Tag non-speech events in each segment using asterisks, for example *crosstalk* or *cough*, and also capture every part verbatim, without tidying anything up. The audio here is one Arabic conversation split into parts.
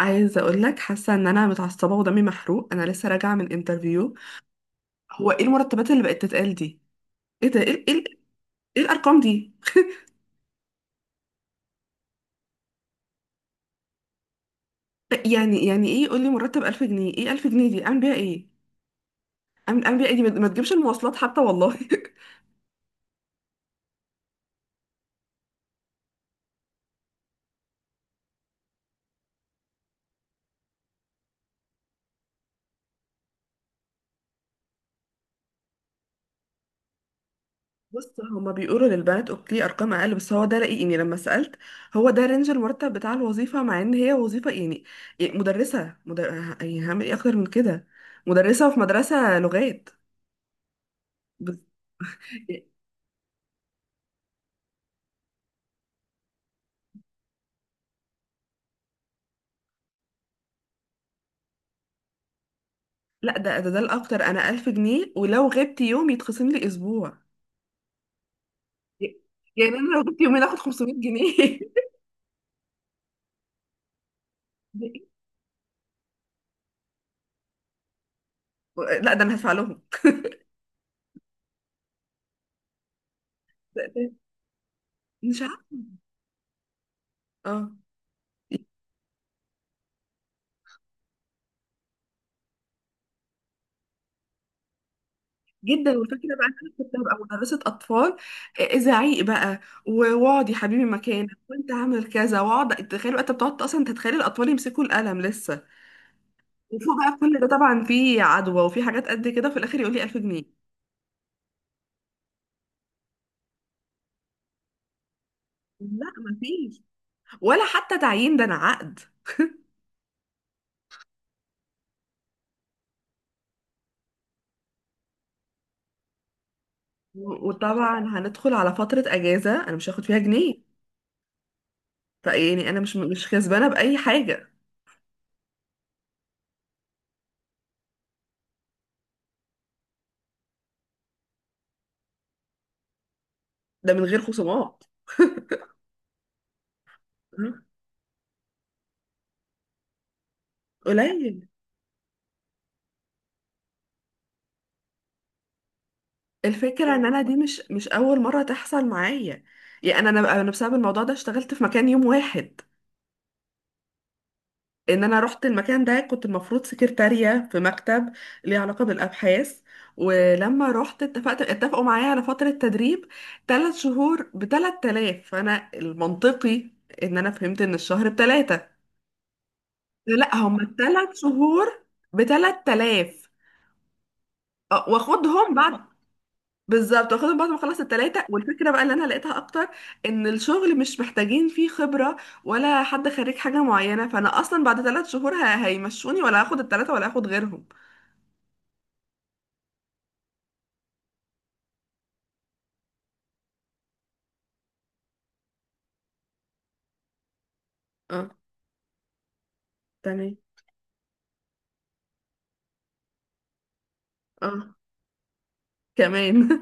عايزه اقول لك حاسه ان انا متعصبه ودمي محروق، انا لسه راجعه من انترفيو. هو ايه المرتبات اللي بقت تتقال دي؟ ايه ده، ايه ايه, إيه الارقام دي؟ يعني يعني ايه؟ يقول لي مرتب ألف جنيه. ايه ألف جنيه دي؟ اعمل بيها ايه؟ اعمل اعمل بيها ايه؟ دي ما ما تجيبش المواصلات حتى والله *laughs* بص، هما بيقولوا للبنات اوكي ارقام اقل، بس هو ده رأيي يعني لما سألت. هو ده رينج المرتب بتاع الوظيفه، مع ان هي وظيفه يعني. يعني مدرسه، مدر... يعني هعمل ايه اكتر من كده؟ مدرسه في مدرسه لغات بس. لا، ده ده ده الاكتر، انا ألف جنيه، ولو غبت يوم يتخصم لي اسبوع. يعني انا لو غبت يومين اخد خمسمية جنيه *laughs* لا، ده انا هدفع لهم. ده- ده- مش عارفه. اه، جدا. والفكره بقى إن انا كنت هبقى مدرسه اطفال. آه، زعيق بقى. و- واقعد يا حبيبي مكانك وانت عامل كذا، واقعد تخيل. انت بتقعد اصلا، انت تتخيل الاطفال يمسكوا القلم لسه. وفوق بقى كل ده طبعا في عدوى وفي حاجات قد كده، وفي الاخر يقول لي ألف جنيه. لا، مفيش. ولا حتى تعيين، ده انا عقد. وطبعا هندخل على فترة أجازة أنا مش هاخد فيها جنيه. فيعني أنا مش مش كسبانة بأي حاجة. ده من غير خصومات. مم. قليل. الفكرة إن أنا دي مش مش أول مرة تحصل معايا. يعني أنا أنا أنا بسبب الموضوع ده اشتغلت في مكان يوم واحد. إن أنا رحت المكان ده كنت المفروض سكرتارية في مكتب ليه علاقة بالأبحاث. ولما رحت اتفقت اتفقوا معايا على فترة تدريب، ثلاث شهور بثلاث آلاف. فأنا المنطقي إن أنا فهمت إن الشهر بتلاتة. لا، هم الثلاث شهور بثلاث آلاف. آه، واخدهم بعد. بالظبط، واخدهم بعد ما اخلص الثلاثه. والفكره بقى اللي انا لقيتها اكتر ان الشغل مش محتاجين فيه خبره ولا حد خريج حاجه معينه. فانا اصلا بعد ثلاث شهور ه- هيمشوني، ولا هاخد الثلاثه ولا هاخد غيرهم. اه، تمام. اه، كمان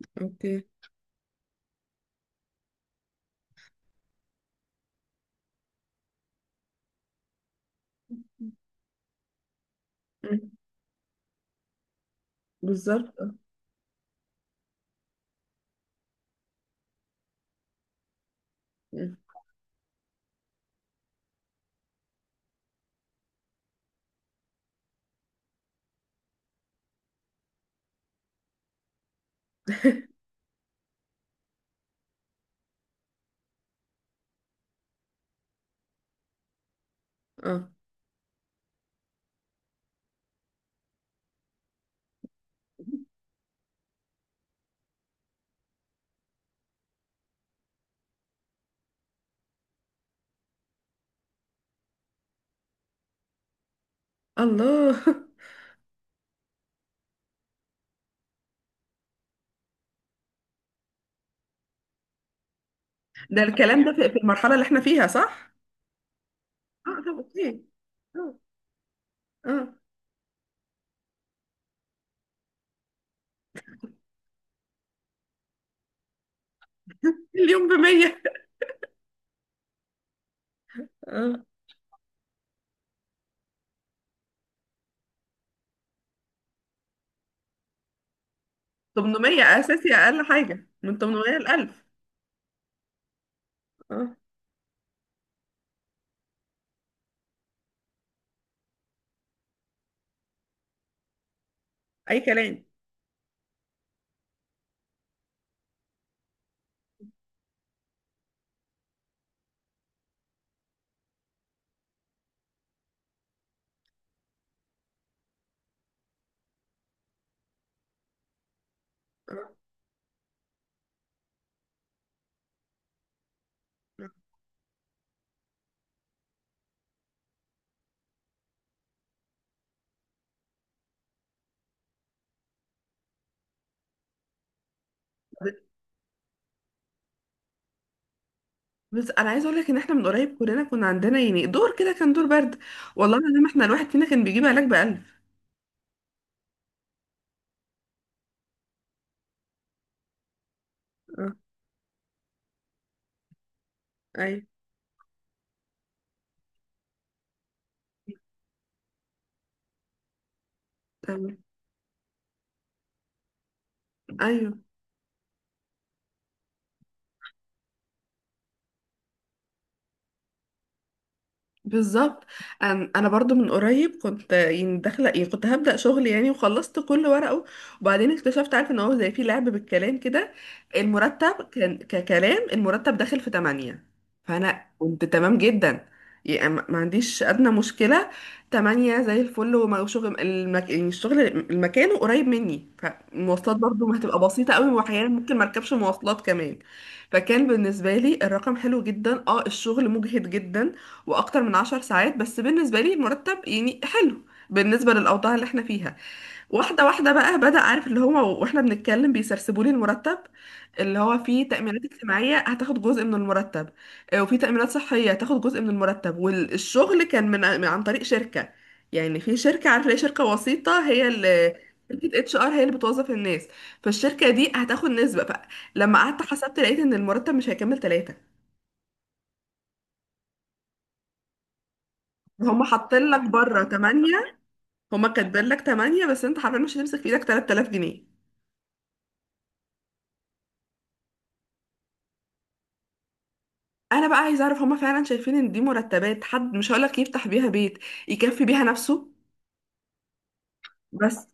*laughs* اوكي. مم. بالظبط، آه. مم. اه. الله *laughs* ده الكلام ده في في المرحله اللي احنا فيها، صح؟ اه، طب اوكي. اه، اه. اليوم بمية. اه، تمنميه اساسي، اقل حاجه من تمنميه ل ألف. اه، اي كلام. آه. بس انا عايزه اقول لك ان احنا من قريب كلنا كنا عندنا يعني دور كده، كان دور برد. والله العظيم احنا الواحد فينا كان بيجيب علاج ب ألف. اه. ايوه، تمام. ايوه، بالظبط. انا أنا برضو من قريب كنت يعني داخله، يعني كنت هبدا شغل يعني وخلصت كل ورقه. وبعدين اكتشفت، عارف، ان هو زي في لعب بالكلام كده. المرتب كان ككلام، المرتب داخل في تمانية. فانا كنت تمام جدا، يعني ما ما عنديش ادنى مشكله. تمانية زي الفل. وشغل المك... يعني الشغل، المكان قريب مني، فالمواصلات برضو ما هتبقى بسيطه قوي، واحيانا ممكن ما اركبش مواصلات كمان. فكان بالنسبه لي الرقم حلو جدا. اه، الشغل مجهد جدا واكتر من عشر ساعات، بس بالنسبه لي المرتب يعني حلو بالنسبه للاوضاع اللي احنا فيها. واحده واحده بقى بدا، عارف اللي هو، واحنا بنتكلم بيسرسبوا لي المرتب. اللي هو فيه تامينات اجتماعيه هتاخد جزء من المرتب، آه، وفي تامينات صحيه هتاخد جزء من المرتب. والشغل كان من من- عن طريق شركه. يعني في شركه، عارف، اللي هي شركه وسيطه، هي اللي، شركه اتش ار هي اللي بتوظف الناس. فالشركه دي هتاخد نسبه. فلما قعدت حسبت لقيت ان المرتب مش هيكمل ثلاثه. هم حاطين لك بره تمانية، هما كاتبين لك تمانية بس انت حرفيا مش هتمسك في ايدك ثلاث آلاف جنيه. انا بقى عايزه اعرف، هما فعلا شايفين ان دي مرتبات حد، مش هقولك يفتح بيها بيت، يكفي بيها نفسه؟ بس،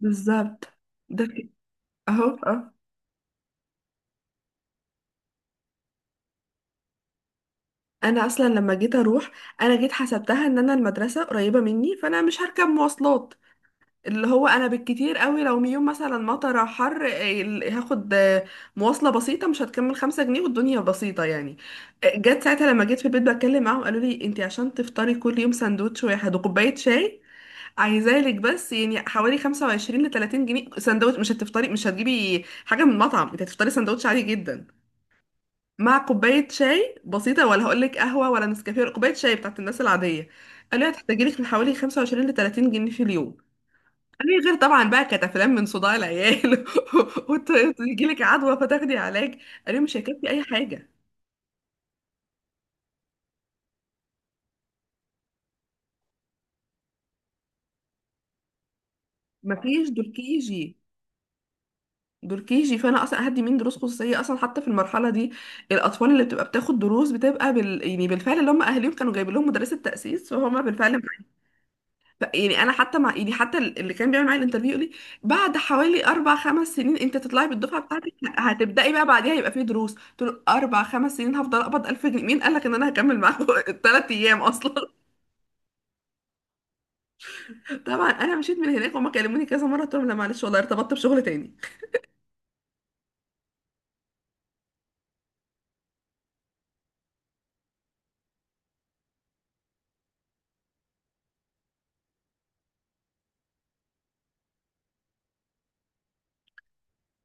بالظبط. ده في- اهو، اه. انا اصلا لما جيت اروح، انا جيت حسبتها ان انا المدرسه قريبه مني فانا مش هركب مواصلات. اللي هو انا بالكتير قوي، لو يوم مثلا مطر أو حر، إيه، ال- هاخد آه، مواصله بسيطه مش هتكمل خمسة جنيه، والدنيا بسيطه يعني. آه، جت ساعتها لما جيت في البيت بتكلم معاهم قالوا لي انت عشان تفطري كل يوم سندوتش واحد وكوبايه شاي، عايزالك بس يعني حوالي خمسة وعشرين ل تلاتين جنيه. سندوتش، مش هتفطري، مش هتجيبي حاجه من المطعم، انت هتفطري سندوتش عادي جدا مع كوبايه شاي بسيطه، ولا هقول لك قهوه ولا نسكافيه، كوبايه شاي بتاعت الناس العاديه. قالوا لي هتحتاجي لك من حوالي خمسة وعشرين ل تلاتين جنيه في اليوم. أي غير طبعا بقى كانت افلام من صداع العيال *laughs* وتجي لك عدوى فتاخدي علاج. انا مش هيكفي اي حاجه. مفيش دول كيجي. دول كيجي، فانا اصلا هدي مين دروس خصوصيه اصلا حتى في المرحله دي؟ الاطفال اللي بتبقى بتاخد دروس بتبقى بال... يعني بالفعل اللي هم اهاليهم كانوا جايبين لهم مدرسه تاسيس فهم بالفعل. لا، يعني انا حتى مع، يعني حتى اللي كان بيعمل معايا الانترفيو يقول لي بعد حوالي اربع خمس سنين انت تطلعي بالدفعه بتاعتك هتبداي بقى بعديها يبقى في دروس. قلت له اربع خمس سنين هفضل اقبض ألف جنيه؟ مين قال لك ان انا هكمل معاكم *laughs* الثلاث ايام اصلا؟ *laughs* طبعا انا مشيت من هناك، وهم كلموني كذا مره قلت لهم لا، معلش والله ارتبطت بشغل تاني.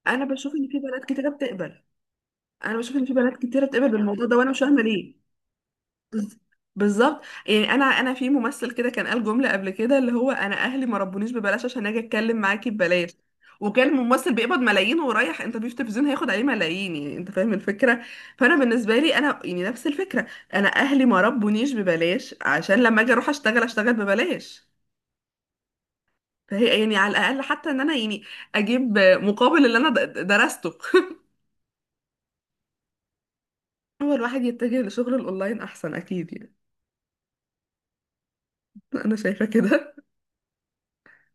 انا بشوف ان في بنات كتيره بتقبل. انا بشوف ان في بنات كتيره بتقبل بالموضوع ده، وانا مش فاهمه ليه. بز- بالظبط. يعني انا انا في ممثل كده كان قال جمله قبل كده، اللي هو: انا اهلي ما ربونيش ببلاش عشان اجي اتكلم معاكي ببلاش. وكان ممثل بيقبض ملايين ورايح انترفيو في تلفزيون هياخد عليه ملايين، يعني انت فاهم الفكره. فانا بالنسبه لي انا يعني نفس الفكره، انا اهلي ما ربونيش ببلاش عشان لما اجي اروح اشتغل اشتغل ببلاش. فهي يعني على الاقل حتى ان انا يعني اجيب مقابل اللي انا د- درسته *laughs* هو الواحد يتجه لشغل الاونلاين احسن اكيد يعني. انا شايفه كده.